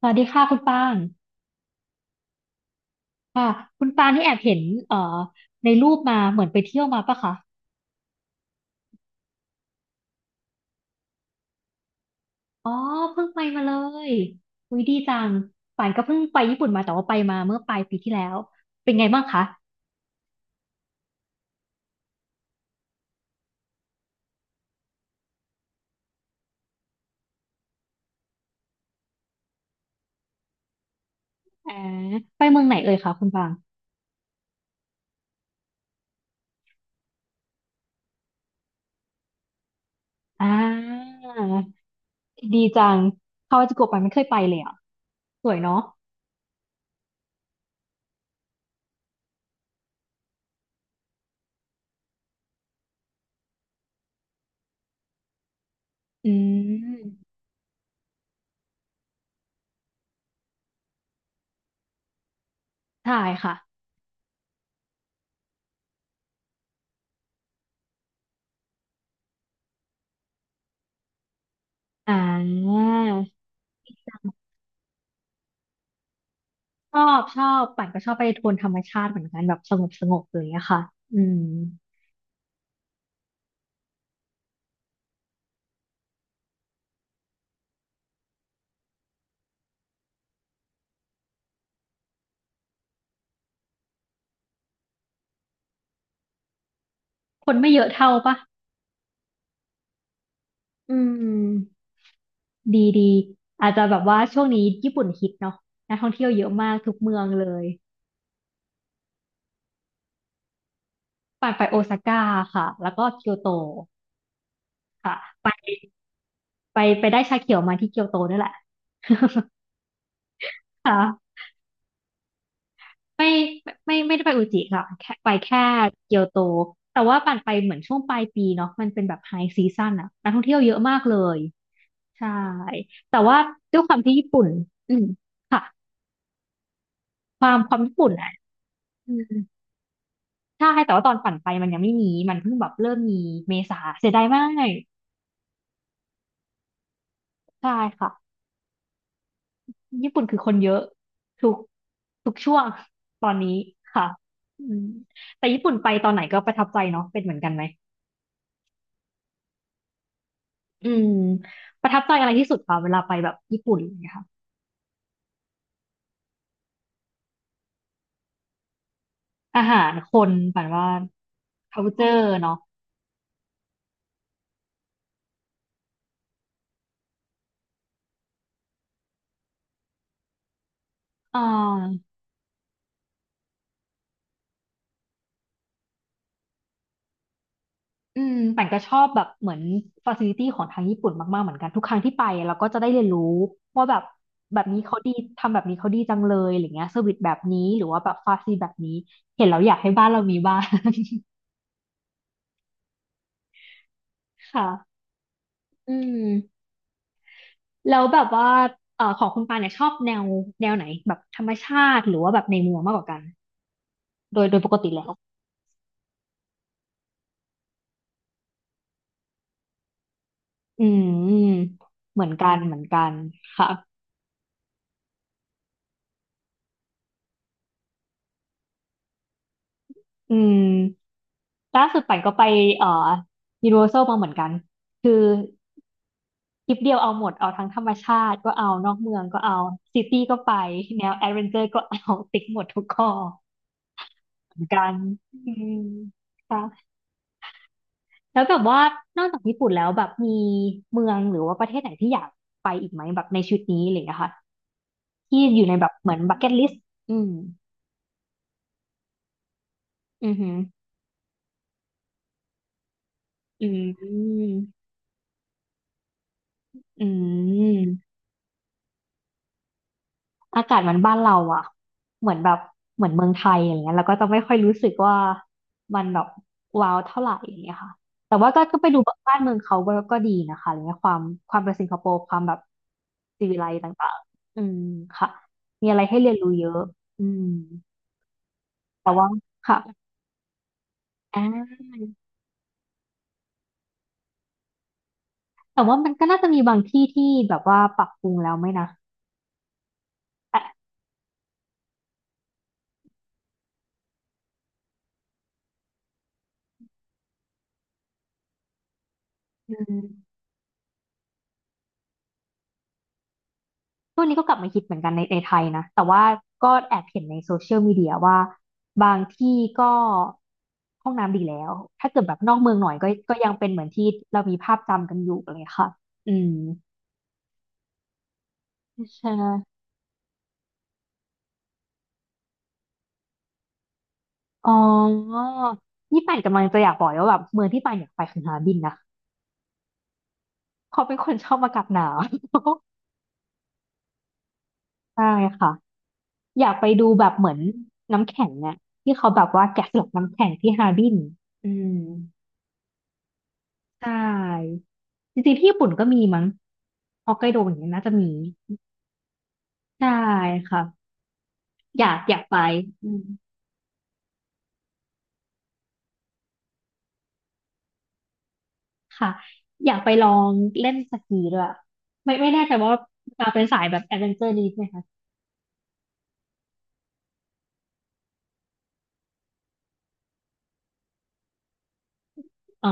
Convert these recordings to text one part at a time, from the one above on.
สวัสดีค่ะคุณปางค่ะคุณปางที่แอบเห็นเอ่อในรูปมาเหมือนไปเที่ยวมาปะคะอ๋อเพิ่งไปมาเลยอุ้ยดีจังป่านก็เพิ่งไปญี่ปุ่นมาแต่ว่าไปมาเมื่อปลายปีที่แล้วเป็นไงบ้างคะแอมไปเมืองไหนเอ่ยคะคุณปางอ่าดีจังคาวาจิโกะป่านไม่เคยไปเลยอ่ะสวยเนาะอืมใช่ค่ะอ่าชอบปั่นก็ชอบไปโทนธรรมชาติเหมือนกันแบบสงบสงบเลยอะค่ะอืมคนไม่เยอะเท่าปะ อืมดีดีอาจจะแบบว่าช่วงนี้ญี่ปุ่นฮิตเนาะนักท่องเที่ยวเยอะมากทุกเมืองเลยปั่นไปโอซาก้าค่ะแล้วก็เกียวโตค่ะไปไปได้ชาเขียวมาที่เกียวโตนี่แหละ ค่ะไม่ไม่ได้ไปอุจิค่ะแค่ไปแค่เกียวโตแต่ว่าปั่นไปเหมือนช่วงปลายปีเนาะมันเป็นแบบไฮซีซั o นอะนักท่องเที่ยวเยอะมากเลยใช่แต่ว่าด้วยความที่ญี่ปุ่นอืมค่ะความญี่ปุ่นอะอืม ใช่แต่ว่าตอนปั่นไปมันยังไม่มีมันเพิ่งแบบเริ่มมีเมษาเสียดายมากใช่ค่ะญี่ปุ่นคือคนเยอะทุกทุกช่วงตอนนี้ค่ะอืมแต่ญี่ปุ่นไปตอนไหนก็ประทับใจเนาะเป็นเหมือนกันไหมอืมประทับใจอะไรที่สุดคะเวลาไปแบบญี่ปุ่นอย่างเงี้ยค่ะอาหารคนปันว่า culture เนาะอ่า อืมแต่ก็ชอบแบบเหมือนฟ a ซิลิตี้ของทางญี่ปุ่นมากๆเหมือนกันทุกครั้งที่ไปเราก็จะได้เรียนรู้ว่าแบบแบบนี้เขาดีทำแบบนี้เขาดีจังเลยอะไรเงี้ยเซอร์วิสแบบนี้หรือว่าแบบฟาซิลิตี้แบบนี้เห็นแล้วอยากให้บ้านเรามีบ้าง ค่ะอืมแล้วแบบว่าของคุณปาเนี่ยชอบแนวแนวไหนแบบธรรมชาติหรือว่าแบบในเมืองมากกว่ากันโดยปกติแล้วอืมเหมือนกันเหมือนกันค่ะอืมล่าสุดปันก็ไปเอ่อ u n i v e r s ซ l มาเหมือนกันคือ ทริปเดียวเอาหมดเอาทั้งธรรมชาติก็เอานอกเมืองก็เอาซิตี้ก็ไปแนวแอดเวนเจอร์ก็เอาติ๊กหมดทุกข้อเหมือนกันอืมค่ะแล้วแบบว่านอกจากญี่ปุ่นแล้วแบบมีเมืองหรือว่าประเทศไหนที่อยากไปอีกไหมแบบในชีวิตนี้อะไรอย่างเงี้ยค่ะที่อยู่ในแบบเหมือนบักเก็ตลิสต์อืมอือหืออืมอืม อากาศมันบ้านเราอะเหมือนแบบเหมือนเมืองไทยอย่างเงี้ยแล้วก็จะไม่ค่อยรู้สึกว่ามันแบบว้าวเท่าไหร่อย่างเงี้ยค่ะแต่ว่าก็ไปดูบ้านเมืองเขาก็ดีนะคะอะไรเงี้ยความความเป็นสิงคโปร์ความแบบสิวิไลซ์ต่างๆอืมค่ะมีอะไรให้เรียนรู้เยอะอืมแต่ว่าค่ะอ่าแต่ว่ามันก็น่าจะมีบางที่ที่แบบว่าปรับปรุงแล้วไหมนะแต่อืม ช่วงนี้ก็กลับมาคิดเหมือนกันในไทยนะแต่ว่าก็แอบเห็นในโซเชียลมีเดียว่าบางที่ก็ห้องน้ำดีแล้วถ้าเกิดแบบนอกเมืองหน่อยก็ยังเป็นเหมือนที่เรามีภาพจำกันอยู่อะไรเลยค่ะอืมใช่ไหมอ๋อนี่ป่านกำลังจะอยากบอกเลยว่าแบบเมืองที่ป่านอยากไปคือฮาร์บินนะเพราะเป็นคนชอบอากาศหนาว ใช่ค่ะอยากไปดูแบบเหมือนน้ำแข็งเนี่ยที่เขาแบบว่าแกะสลักน้ำแข็งที่ฮาร์บินอืม ใช่จริงๆที่ญี่ปุ่นก็มีมั้งฮอกไกโดอย่างเงี้ยน่าจะมีใช่ค่ะอยากอยากไปอืมค่ะอยากไปลองเล่นสกีด้วยไม่แน่ใจว่าอ่าเป็นสายแบบแอดเวนเจอร์นี้ไหมคะอ๋อ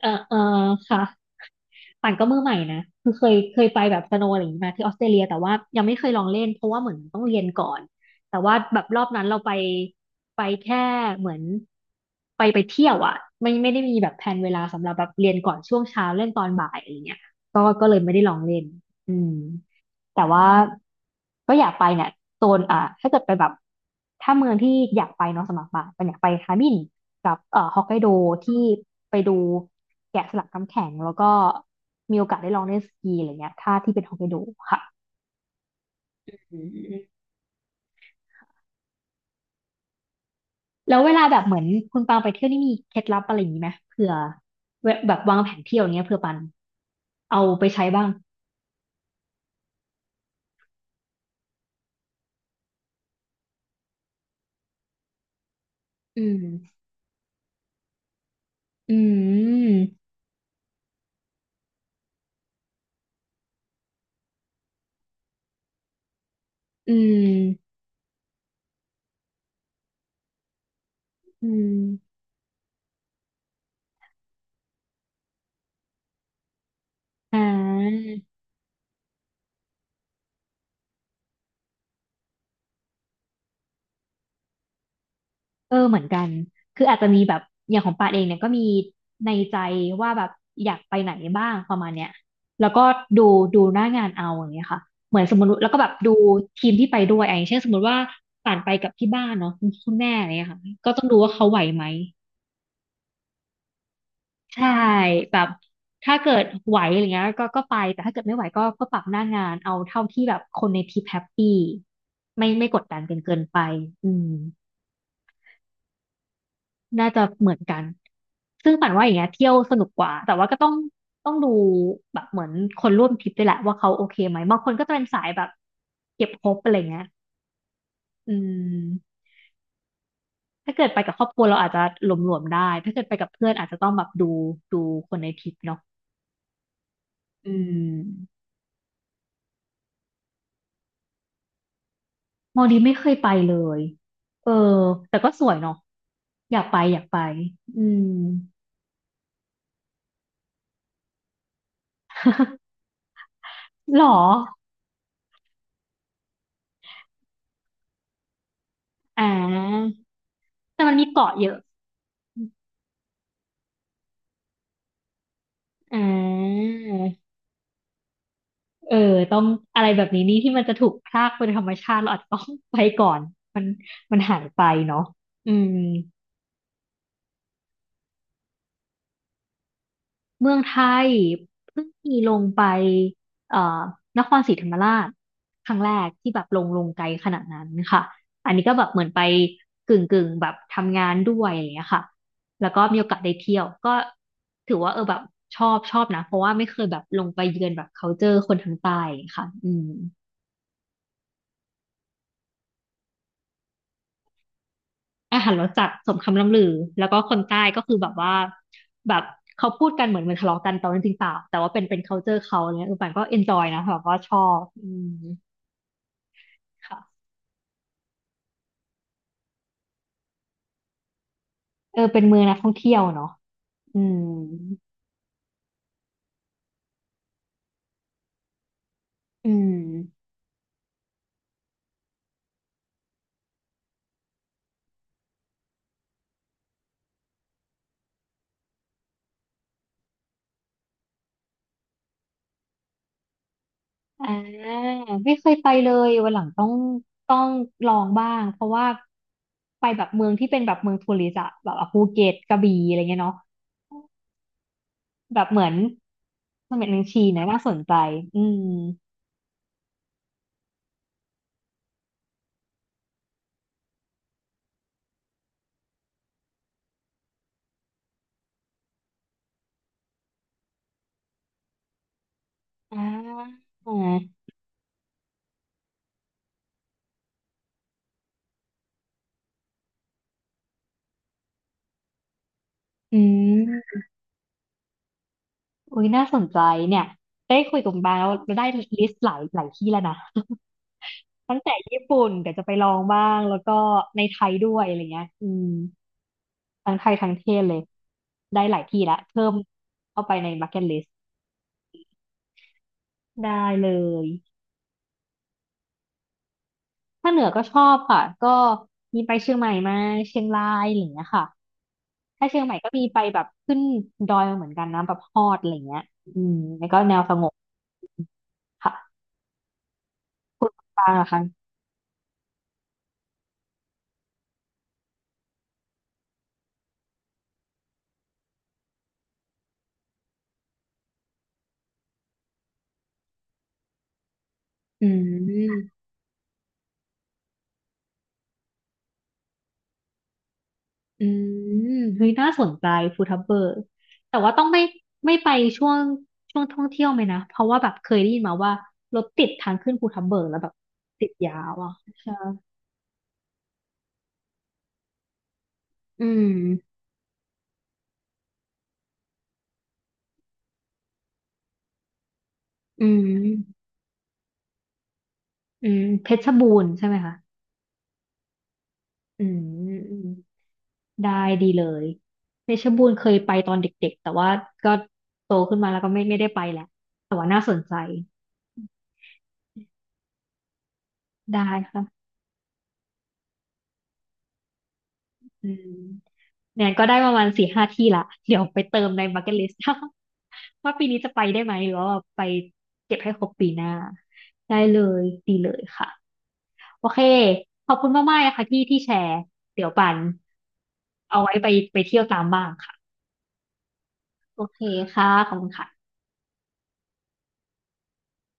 เออเออค่ะ ปั่นก็มือใหม่นะคือเคยไปแบบสโนว์อะไรอย่างนี้มาที่ออสเตรเลียแต่ว่ายังไม่เคยลองเล่นเพราะว่าเหมือนต้องเรียนก่อนแต่ว่าแบบรอบนั้นเราไปไปแค่เหมือนไปไปเที่ยวอ่ะไม่ได้มีแบบแผนเวลาสำหรับแบบเรียนก่อนช่วงเช้าเล่นตอนบ่ายอะไรเงี้ยก็เลยไม่ได้ลองเล่นอืม แต่ว่าก็อยากไปเนี่ยโซนถ้าเกิดไปแบบถ้าเมืองที่อยากไปเนาะสำหรับปะมันอยากไปฮามินกับฮอกไกโดที่ไปดูแกะสลักน้ำแข็งแล้วก็มีโอกาสได้ลองเล่นสกีอะไรเงี้ยถ้าที่เป็นฮอกไกโดค่ะอืมแล้วเวลาแบบเหมือนคุณปางไปเที่ยวนี่มีเคล็ดลับอะไรอย่างนี้ไหมเผื่อเวแบบวางแผนเที่ยวอย่างเงี้ยเผื่อปันเอาไปใช้บ้างอืมอืมอืมอืมอ่า เออเหมือนกัน คืออาจจะมีแบบอย่างของปาเองเนี่ยก็มีในใจว่าแบบอยากไปไหนบ้างประมาณเนี้ยแล้วก็ดูดูหน้างานเอาอย่างเงี้ยค่ะเหมือนสมมติแล้วก็แบบดูทีมที่ไปด้วยอะอย่างเช่นสมมติว่าป่านไปกับที่บ้านเนาะคุณแม่อะไรเงี้ยค่ะก็ต้องดูว่าเขาไหวไหมใช่แบบถ้าเกิดไหวอะไรเงี้ยก็ก็ไปแต่ถ้าเกิดไม่ไหวก็ก็ปรับหน้างานเอาเท่าที่แบบคนในทีมแฮปปี้ไม่กดดันกันเกินไปอืม น่าจะเหมือนกัน ซึ่งปั่นว่าอย่างเงี้ยเที่ยวสนุกกว่า แต่ว่าก็ต้องต้องดูแบบเหมือนคนร่วมทริปด้วยแหละว่าเขาโอเคไหมบางคนก็จะเป็นสายแบบเก็บครบอะไรเงี้ยอืมถ้าเกิดไปกับครอบครัวเราอาจจะหลวมๆได้ถ้าเกิดไปกับเพื่อนอาจจะต้องแบบดูดูคนในทริปเนาะอืมมอลดีฟไม่เคยไปเลยเออแต่ก็สวยเนาะอยากไปอยากไปอืมหรออ่าแต่มันมีเกาะเยอะอ่า เออต้องอะไรแบบนี้นี่ที่มันจะถูกพรากเป็นธรรมชาติเราอาจจะต้องไปก่อนมันมันหายไปเนาะอืมเมืองไทยเพิ่งมีลงไปเอ่อนครศรีธรรมราชครั้งแรกที่แบบลงลงไกลขนาดนั้นค่ะอันนี้ก็แบบเหมือนไปกึ่งกึ่งแบบทำงานด้วยอะไรอย่างเงี้ยค่ะแล้วก็มีโอกาสได้เที่ยวก็ถือว่าเออแบบชอบชอบนะเพราะว่าไม่เคยแบบลงไปเยือนแบบ culture คนทางใต้ค่ะอืม อาหารรสจัดสมคำล่ำลือแล้วก็คนใต้ก็คือแบบว่าแบบเขาพูดกันเหมือนเหมือนทะเลาะกันแต่ว่าจริงๆเปล่าแต่ว่าเป็น culture เขาเนี่ยเออปันก็ enjoy นะแบบว่าชอบอืมค่ะเออเป็นเมืองนักท่องเที่ยวเนาะอืมอืมอ่าไม่เคยไปเลยวันหลังต้องต้องลองบ้างเพราะว่าไปแบบเมืองที่เป็นแบบเมืองทัวริสต์อะแบบอ่ะภูเก็ตกระบี่อะไรเงี้ยเนาะแบบเหมือนเสม็ดนางชีนะน่าสนใจอืมอ่า อืมอุ้ยน่าสนใจเนี่ยได้คุยกับคุณบาแล้วเราได้ลิสต์หลายหลายที่แล้วนะ ตั้งแต่ญี่ปุ่นเดี๋ยวจะไปลองบ้างแล้วก็ในไทยด้วยอะไรเงี้ยอืมทั้งไทยทั้งเทศเลยได้หลายที่ละเพิ่มเข้าไปใน bucket list ได้เลยถ้าเหนือก็ชอบค่ะก็มีไปเชียงใหม่มาเชียงรายอะไรอย่างเงี้ยค่ะถ้าเชียงใหม่ก็มีไปแบบขึ้นดอยมาเหมือนกันนะแบบฮอดอะไรอย่างเงี้ยอืมแล้วก็แนวสงบค่ะคุณบางเหรอะคะอืม อืมเฮ้ยน่าสนใจฟูทับเบิร์กแต่ว่าต้องไม่ไปช่วงช่วงท่องเที่ยวไหมนะ เพราะว่าแบบเคยได้ยินมาว่ารถติดทางขึ้นภูทับเบิกแล้วแบบติดยาวอ่ะใช่อืมอืม อืม เพชรบูรณ์ใช่ไหมคะอืมอืมได้ดีเลย เพชรบูรณ์เคยไปตอนเด็กๆ แต่ว่าก็โตขึ้นมาแล้วก็ไม่ได้ไปแหละ แต่ว่าน่าสนใจได้ค่ะ อืมเนี่ยก็ได้ประมาณสี่ห้าที่ละเดี๋ยวไปเติมในบักเก็ตล s ส ว่าปีนี้จะไปได้ไหมหรือว่าไปเก็บให้ครบปีหน้าได้เลยดีเลยค่ะโอเคขอบคุณมากๆนะคะที่แชร์เดี๋ยวปันเอาไว้ไปไปเที่ยวตามบ้างค่ะโอเคค่ะขอบคุณค่ะ